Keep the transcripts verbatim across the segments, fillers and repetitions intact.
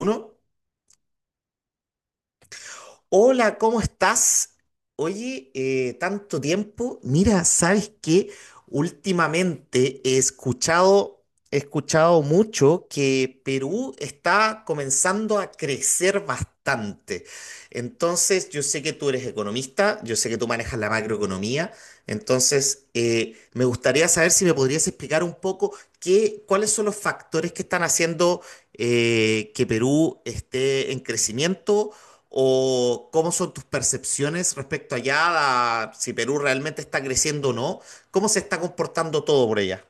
Uno, hola, ¿cómo estás? Oye, eh, tanto tiempo. Mira, ¿sabes qué? Últimamente he escuchado, he escuchado mucho que Perú está comenzando a crecer bastante. Entonces, yo sé que tú eres economista, yo sé que tú manejas la macroeconomía. Entonces, eh, me gustaría saber si me podrías explicar un poco. ¿qué- cuáles son los factores que están haciendo eh, que Perú esté en crecimiento? ¿O cómo son tus percepciones respecto allá a si Perú realmente está creciendo o no? ¿Cómo se está comportando todo por allá?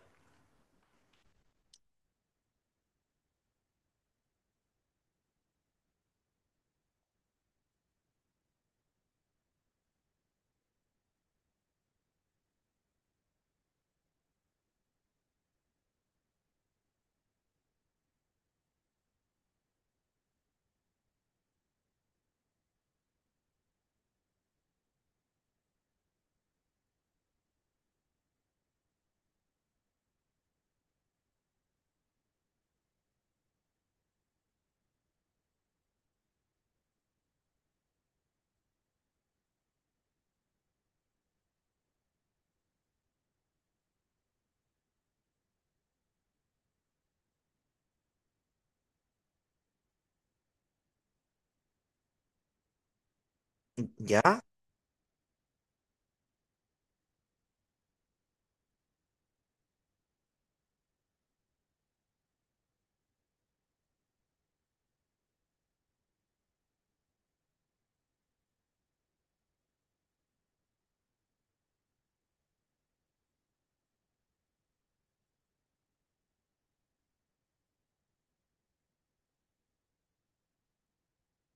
¿Ya?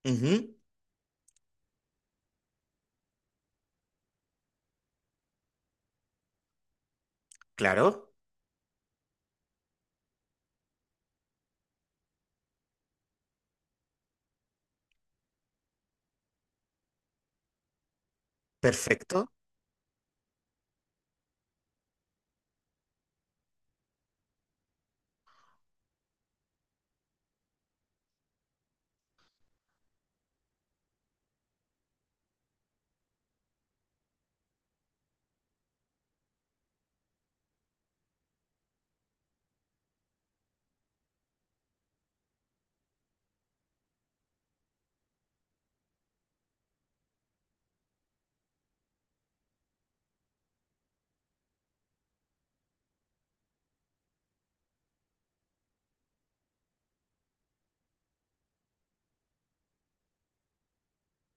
Ujú. Claro, perfecto.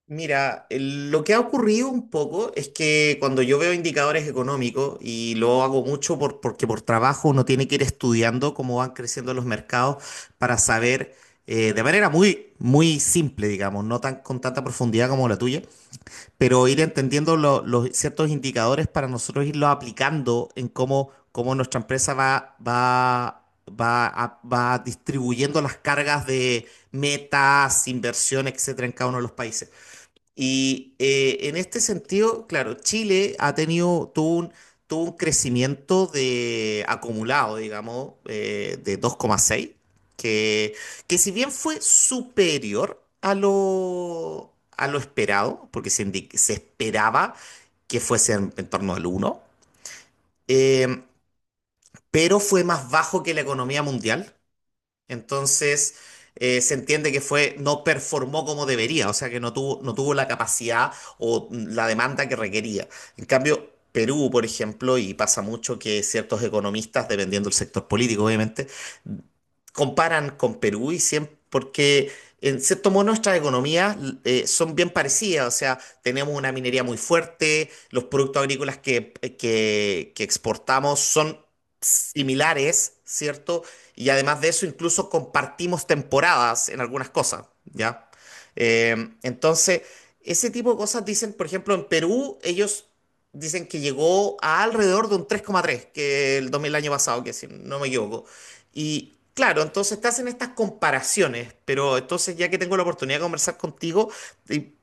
Mira, el- lo que ha ocurrido un poco es que cuando yo veo indicadores económicos, y lo hago mucho por, porque por trabajo uno tiene que ir estudiando cómo van creciendo los mercados para saber eh, de manera muy, muy simple, digamos, no tan con tanta profundidad como la tuya, pero ir entendiendo lo- los ciertos indicadores para nosotros irlos aplicando en cómo, cómo nuestra empresa va, va, va, a- va distribuyendo las cargas de metas, inversión, etcétera, en cada uno de los países. Y eh, en este sentido, claro, Chile ha tenido, tuvo un, tuvo un crecimiento de acumulado, digamos, eh, de dos coma seis que, que si bien fue superior a lo, a lo esperado, porque se, indi- se esperaba que fuese en, en torno al uno eh, pero fue más bajo que la economía mundial, entonces, eh, se entiende que fue, no performó como debería, o sea que no tuvo, no tuvo la capacidad o la demanda que requería. En cambio, Perú, por ejemplo, y pasa mucho que ciertos economistas, dependiendo del sector político, obviamente, comparan con Perú y siempre, porque en cierto modo nuestras economías eh, son bien parecidas, o sea, tenemos una minería muy fuerte, los productos agrícolas que, eh, que, que exportamos son similares, ¿cierto? Y además de eso, incluso compartimos temporadas en algunas cosas, ¿ya? Eh, entonces, ese tipo de cosas dicen, por ejemplo, en Perú, ellos dicen que llegó a alrededor de un tres coma tres, que el dos mil año pasado, que si no me equivoco. Y claro, entonces te hacen estas comparaciones, pero entonces ya que tengo la oportunidad de conversar contigo, y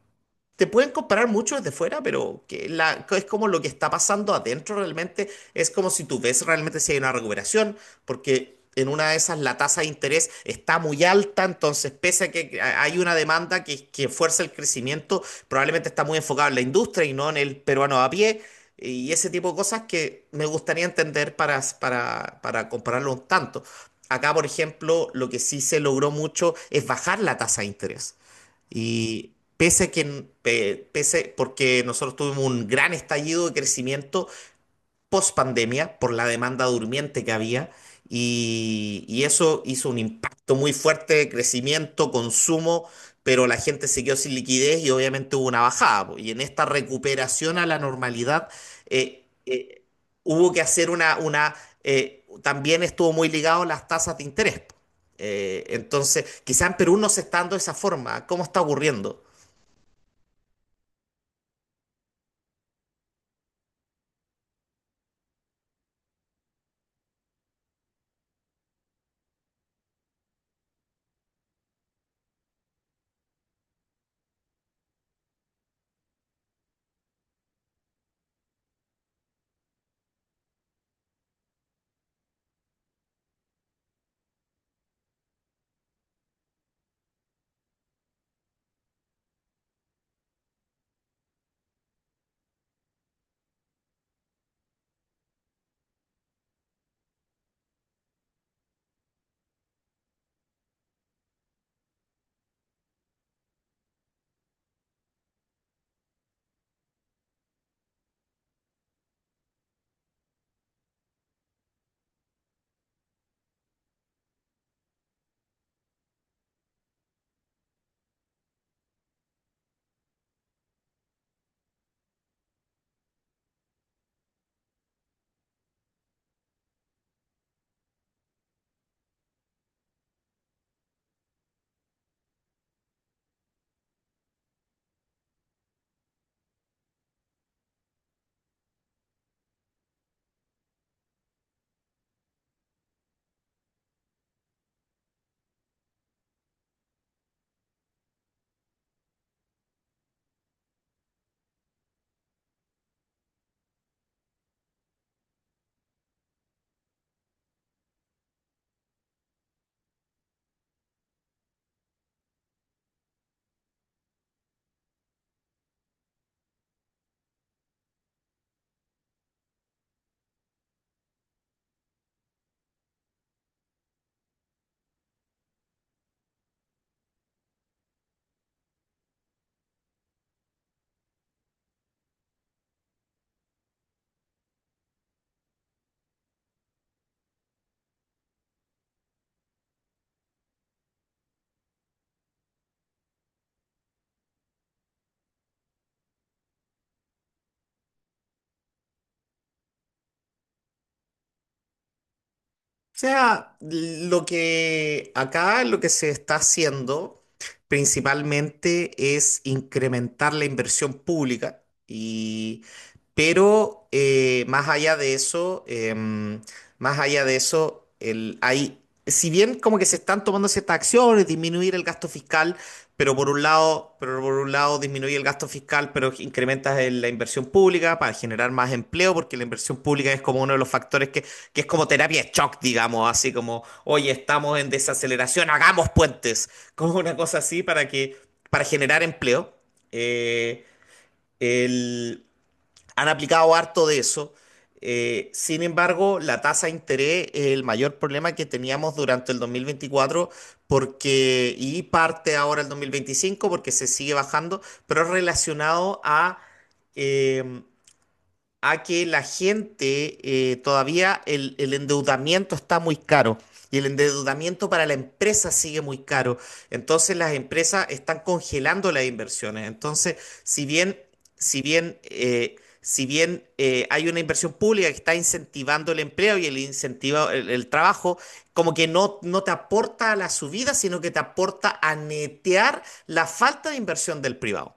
te pueden comparar mucho desde fuera, pero que la, que es como lo que está pasando adentro realmente. Es como si tú ves realmente si hay una recuperación, porque en una de esas la tasa de interés está muy alta, entonces pese a que ha- hay una demanda que, que fuerza el crecimiento, probablemente está muy enfocada en la industria y no en el peruano a pie. Y ese tipo de cosas que me gustaría entender para, para, para compararlo un tanto. Acá, por ejemplo, lo que sí se logró mucho es bajar la tasa de interés. Y pese a que, pe- pese, porque nosotros tuvimos un gran estallido de crecimiento post pandemia por la demanda durmiente que había y, y eso hizo un impacto muy fuerte de crecimiento, consumo, pero la gente se quedó sin liquidez y obviamente hubo una bajada. Po. Y en esta recuperación a la normalidad eh, eh, hubo que hacer una, una eh, también estuvo muy ligado a las tasas de interés. Po. Eh, entonces, quizá en Perú no se está dando de esa forma. ¿Cómo está ocurriendo? O sea, lo que acá lo que se está haciendo principalmente es incrementar la inversión pública pero eh, más allá de eso, em, más allá de eso, el, hay, si bien como que se están tomando ciertas acciones, disminuir el gasto fiscal, pero por un lado, pero por un lado disminuye el gasto fiscal, pero incrementas el- la inversión pública para generar más empleo, porque la inversión pública es como uno de los factores que, que es como terapia de shock, digamos, así como, oye, estamos en desaceleración, hagamos puentes, como una cosa así para que, para generar empleo. Eh, el, Han aplicado harto de eso. Eh, sin embargo, la tasa de interés es el mayor problema que teníamos durante el dos mil veinticuatro porque, y parte ahora el dos mil veinticinco porque se sigue bajando, pero es relacionado a, em, a que la gente eh, todavía el, el endeudamiento está muy caro y el endeudamiento para la empresa sigue muy caro. Entonces las empresas están congelando las inversiones. Entonces, si bien, si bien, eh, si bien eh, hay una inversión pública que está incentivando el empleo y el incentivo, el, el trabajo, como que no, no te aporta a la subida, sino que te aporta a netear la falta de inversión del privado.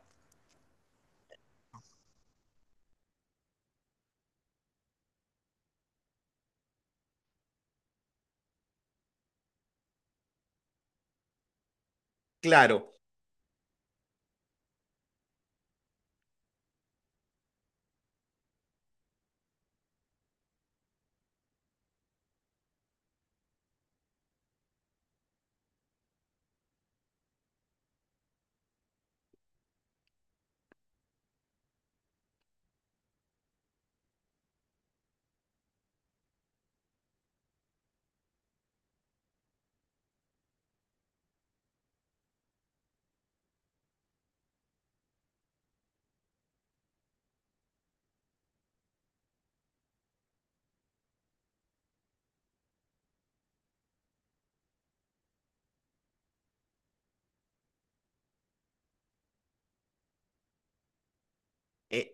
Claro. eh,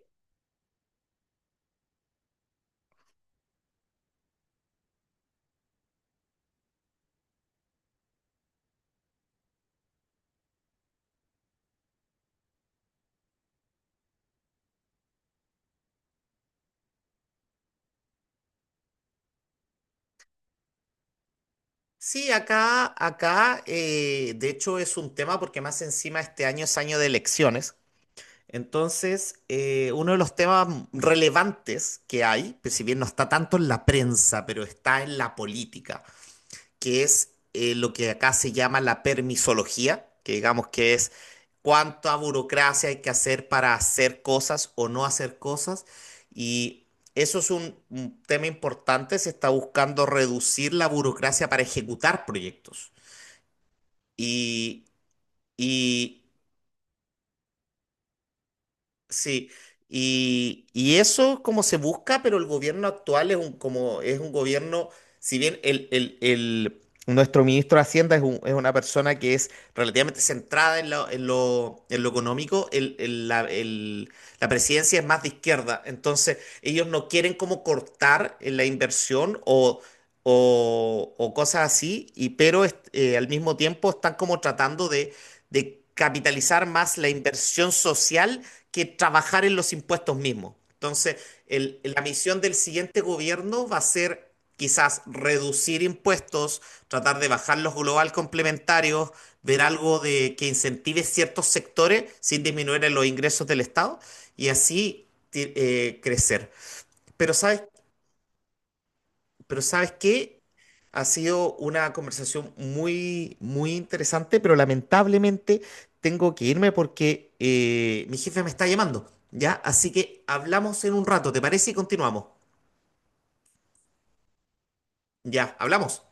Sí, acá, acá, eh, de hecho es un tema porque más encima este año es año de elecciones. Entonces, eh, uno de los temas relevantes que hay, pues si bien no está tanto en la prensa, pero está en la política que es eh, lo que acá se llama la permisología, que digamos que es cuánta burocracia hay que hacer para hacer cosas o no hacer cosas. Y eso es un, un tema importante, se está buscando reducir la burocracia para ejecutar proyectos. Y, y Sí, y, y eso es como se busca, pero el gobierno actual es un, como, es un gobierno, si bien el, el- el- nuestro ministro de Hacienda es, un- es una persona que es relativamente centrada en lo, en lo, en lo económico, el- el- la, el- la presidencia es más de izquierda, entonces ellos no quieren como cortar en la inversión o, o, o cosas así, y, pero est- eh, al mismo tiempo están como tratando de de capitalizar más la inversión social que trabajar en los impuestos mismos. Entonces, el- la misión del siguiente gobierno va a ser quizás reducir impuestos, tratar de bajar los global complementarios, ver algo de que incentive ciertos sectores sin disminuir en los ingresos del Estado y así ti- eh, crecer. Pero ¿sabes pero ¿sabes qué? Ha sido una conversación muy, muy interesante, pero lamentablemente tengo que irme porque eh, mi jefe me está llamando, ¿ya? Así que hablamos en un rato, ¿te parece? Y continuamos. Ya, hablamos.